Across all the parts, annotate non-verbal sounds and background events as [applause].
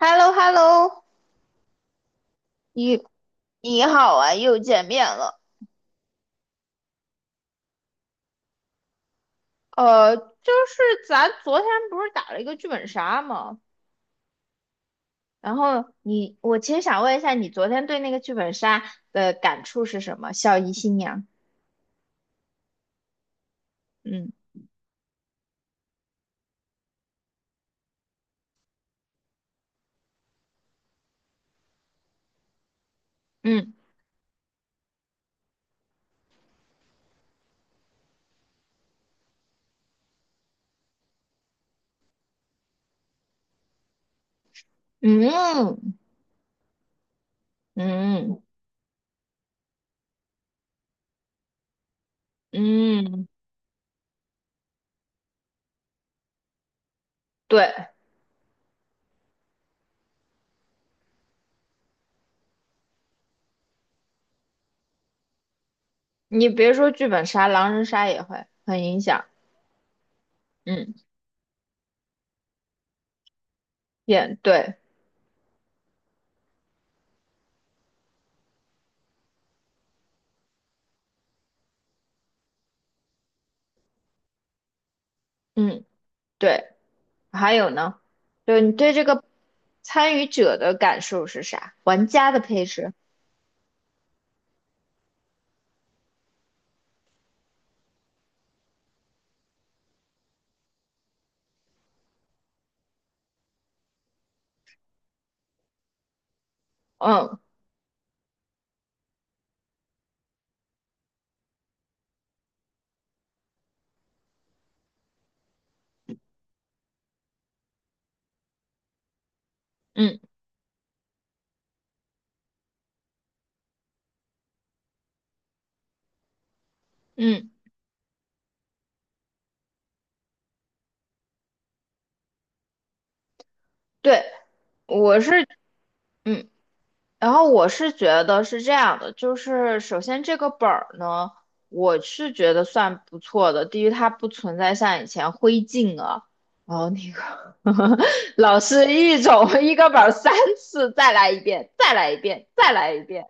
h e l l o h e l l o 你你好啊，又见面了。就是咱昨天不是打了一个剧本杀吗？然后我其实想问一下，你昨天对那个剧本杀的感触是什么？孝仪新娘，嗯嗯嗯嗯嗯，对，你别说剧本杀，狼人杀也会很影响。嗯，也对，嗯对。还有呢，就你对这个参与者的感受是啥？玩家的配置，嗯嗯嗯，对，我是嗯，然后我是觉得是这样的，就是首先这个本儿呢，我是觉得算不错的。第一，它不存在像以前灰烬啊，然后那个 [laughs] 老师一个本儿三次，再来一遍，再来一遍，再来一遍。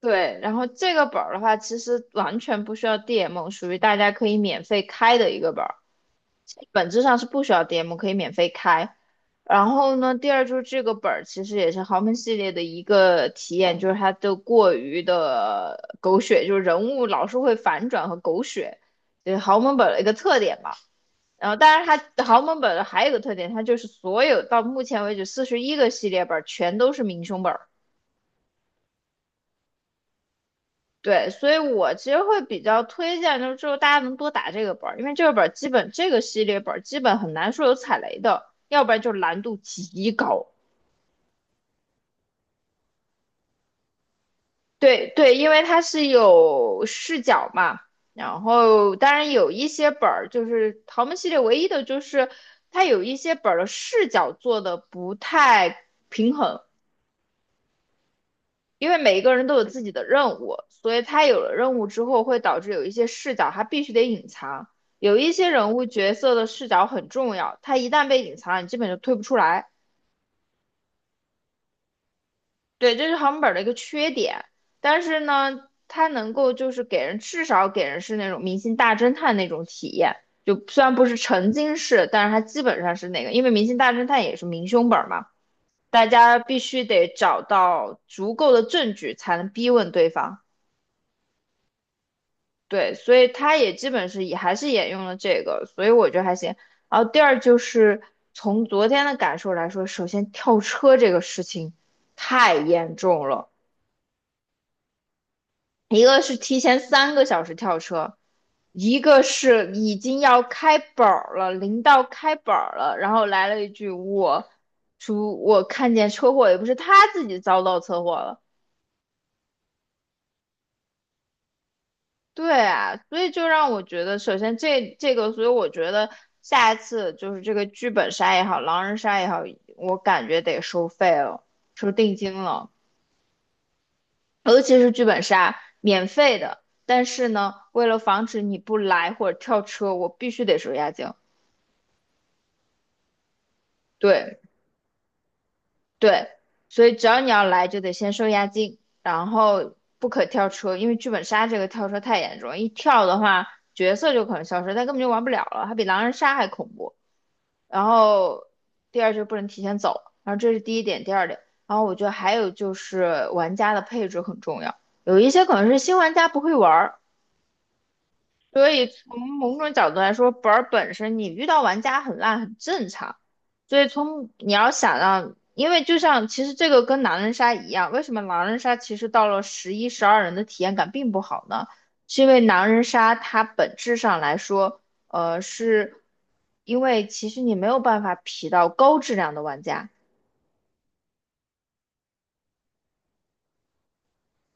对，然后这个本儿的话，其实完全不需要 DM，属于大家可以免费开的一个本儿，本质上是不需要 DM，可以免费开。然后呢，第二就是这个本儿其实也是豪门系列的一个体验，就是它的过于的狗血，就是人物老是会反转和狗血，就是豪门本儿的一个特点吧。然后，当然它豪门本儿还有一个特点，它就是所有到目前为止四十一个系列本儿全都是明凶本。对，所以我其实会比较推荐，就是之后大家能多打这个本儿，因为这个本儿基本这个系列本儿基本很难说有踩雷的，要不然就难度极高。对对，因为它是有视角嘛，然后当然有一些本儿就是豪门系列唯一的就是它有一些本儿的视角做的不太平衡，因为每一个人都有自己的任务，所以他有了任务之后，会导致有一些视角他必须得隐藏，有一些人物角色的视角很重要，他一旦被隐藏了，你基本就推不出来。对，这是航本的一个缺点，但是呢，它能够就是给人至少给人是那种明星大侦探那种体验，就虽然不是沉浸式，但是它基本上是那个，因为明星大侦探也是明凶本嘛，大家必须得找到足够的证据才能逼问对方。对，所以他也基本是也还是沿用了这个，所以我觉得还行。然后第二就是从昨天的感受来说，首先跳车这个事情太严重了，一个是提前3个小时跳车，一个是已经要开板儿了，临到开板儿了，然后来了一句我，说我看见车祸，也不是他自己遭到车祸了，对啊，所以就让我觉得，首先这个，所以我觉得下一次就是这个剧本杀也好，狼人杀也好，我感觉得收费了，收定金了，尤其是剧本杀，免费的，但是呢，为了防止你不来或者跳车，我必须得收押金。对对，所以只要你要来，就得先收押金，然后不可跳车，因为剧本杀这个跳车太严重，一跳的话，角色就可能消失，他根本就玩不了了，它比狼人杀还恐怖。然后第二就是不能提前走，然后这是第一点，第二点，然后我觉得还有就是玩家的配置很重要，有一些可能是新玩家不会玩，所以从某种角度来说，本儿本身你遇到玩家很烂很正常。所以从你要想让，因为就像其实这个跟狼人杀一样，为什么狼人杀其实到了11、12人的体验感并不好呢？是因为狼人杀它本质上来说，是因为其实你没有办法匹到高质量的玩家。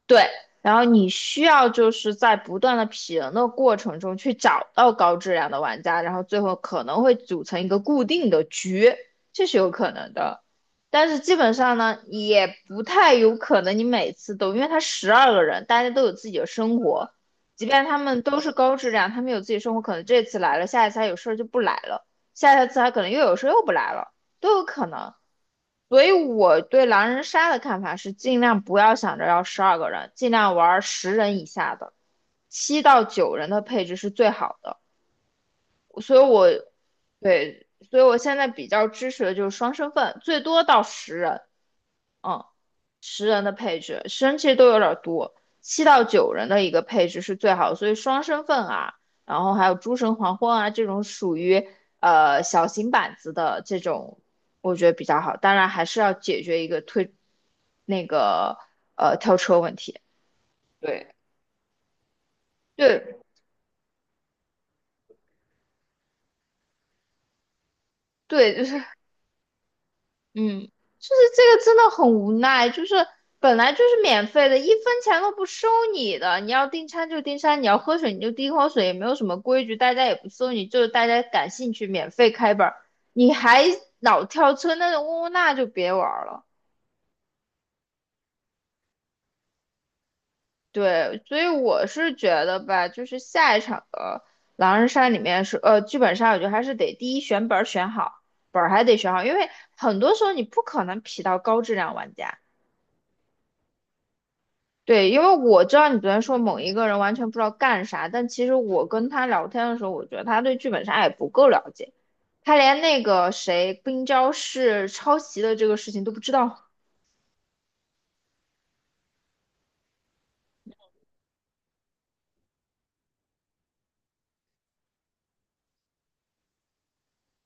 对，然后你需要就是在不断的匹人的过程中去找到高质量的玩家，然后最后可能会组成一个固定的局，这是有可能的。但是基本上呢，也不太有可能你每次都，因为他十二个人，大家都有自己的生活，即便他们都是高质量，他们有自己生活，可能这次来了，下一次他有事儿就不来了，下一次他可能又有事儿又不来了，都有可能。所以我对狼人杀的看法是，尽量不要想着要十二个人，尽量玩10人以下的，七到九人的配置是最好的。所以我，对，所以我现在比较支持的就是双身份，最多到十人。嗯，十人的配置，十人其实都有点儿多，七到九人的一个配置是最好的所以双身份啊，然后还有诸神黄昏啊这种属于小型板子的这种，我觉得比较好。当然还是要解决一个那个跳车问题。对，对对，嗯，就是这个真的很无奈，就是本来就是免费的，一分钱都不收你的，你要订餐就订餐，你要喝水你就订口水，也没有什么规矩，大家也不收你，就是大家感兴趣免费开本儿，你还老跳车那种呜呜那就别玩儿了。对，所以我是觉得吧，就是下一场的狼人杀里面是剧本杀，我觉得还是得第一选本儿选好，本儿还得选好，因为很多时候你不可能匹到高质量玩家。对，因为我知道你昨天说某一个人完全不知道干啥，但其实我跟他聊天的时候，我觉得他对剧本杀也不够了解，他连那个谁冰娇是抄袭的这个事情都不知道。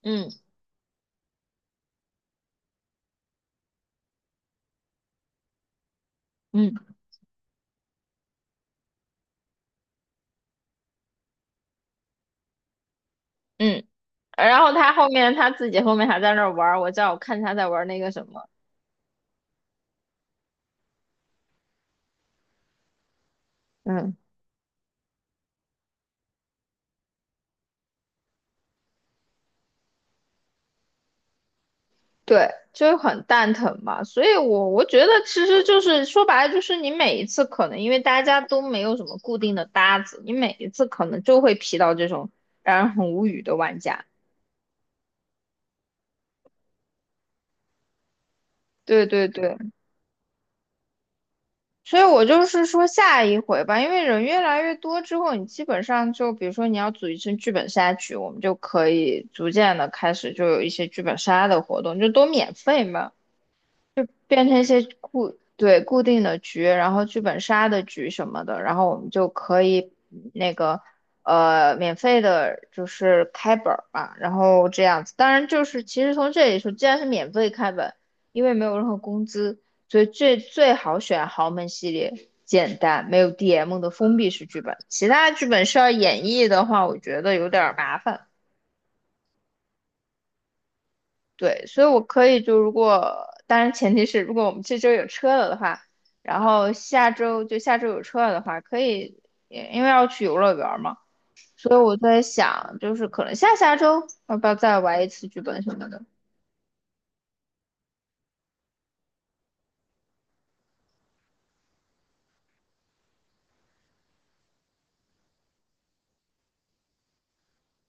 嗯嗯嗯，然后他后面他自己后面还在那儿玩儿，我叫我看他在玩儿那个什么，嗯。对，就是很蛋疼嘛，所以我觉得其实就是说白了，就是你每一次可能因为大家都没有什么固定的搭子，你每一次可能就会劈到这种让人很无语的玩家。对对对，所以我就是说下一回吧，因为人越来越多之后，你基本上就比如说你要组一次剧本杀局，我们就可以逐渐的开始就有一些剧本杀的活动，就都免费嘛。变成一些对，固定的局，然后剧本杀的局什么的，然后我们就可以那个免费的，就是开本儿嘛，然后这样子。当然就是其实从这里说，既然是免费开本，因为没有任何工资，所以最最好选豪门系列。简单，没有 DM 的封闭式剧本，其他剧本需要演绎的话，我觉得有点儿麻烦。对，所以我可以就如果，当然前提是如果我们这周有车了的话，然后下周就下周有车了的话，可以，也因为要去游乐园儿嘛，所以我在想，就是可能下下周要不要再玩一次剧本什么的。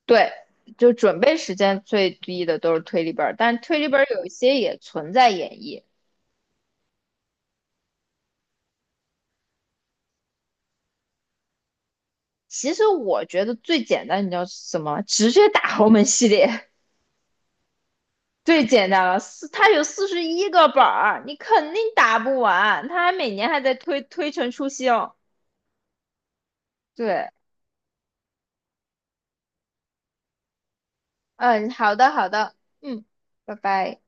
对，就准备时间最低的都是推理本儿，但推理本儿有一些也存在演绎。其实我觉得最简单，你知道是什么？直接打豪门系列。最简单了，它有四十一个本儿，你肯定打不完。它还每年还在推陈出新。对，嗯，好的，好的，嗯，拜拜。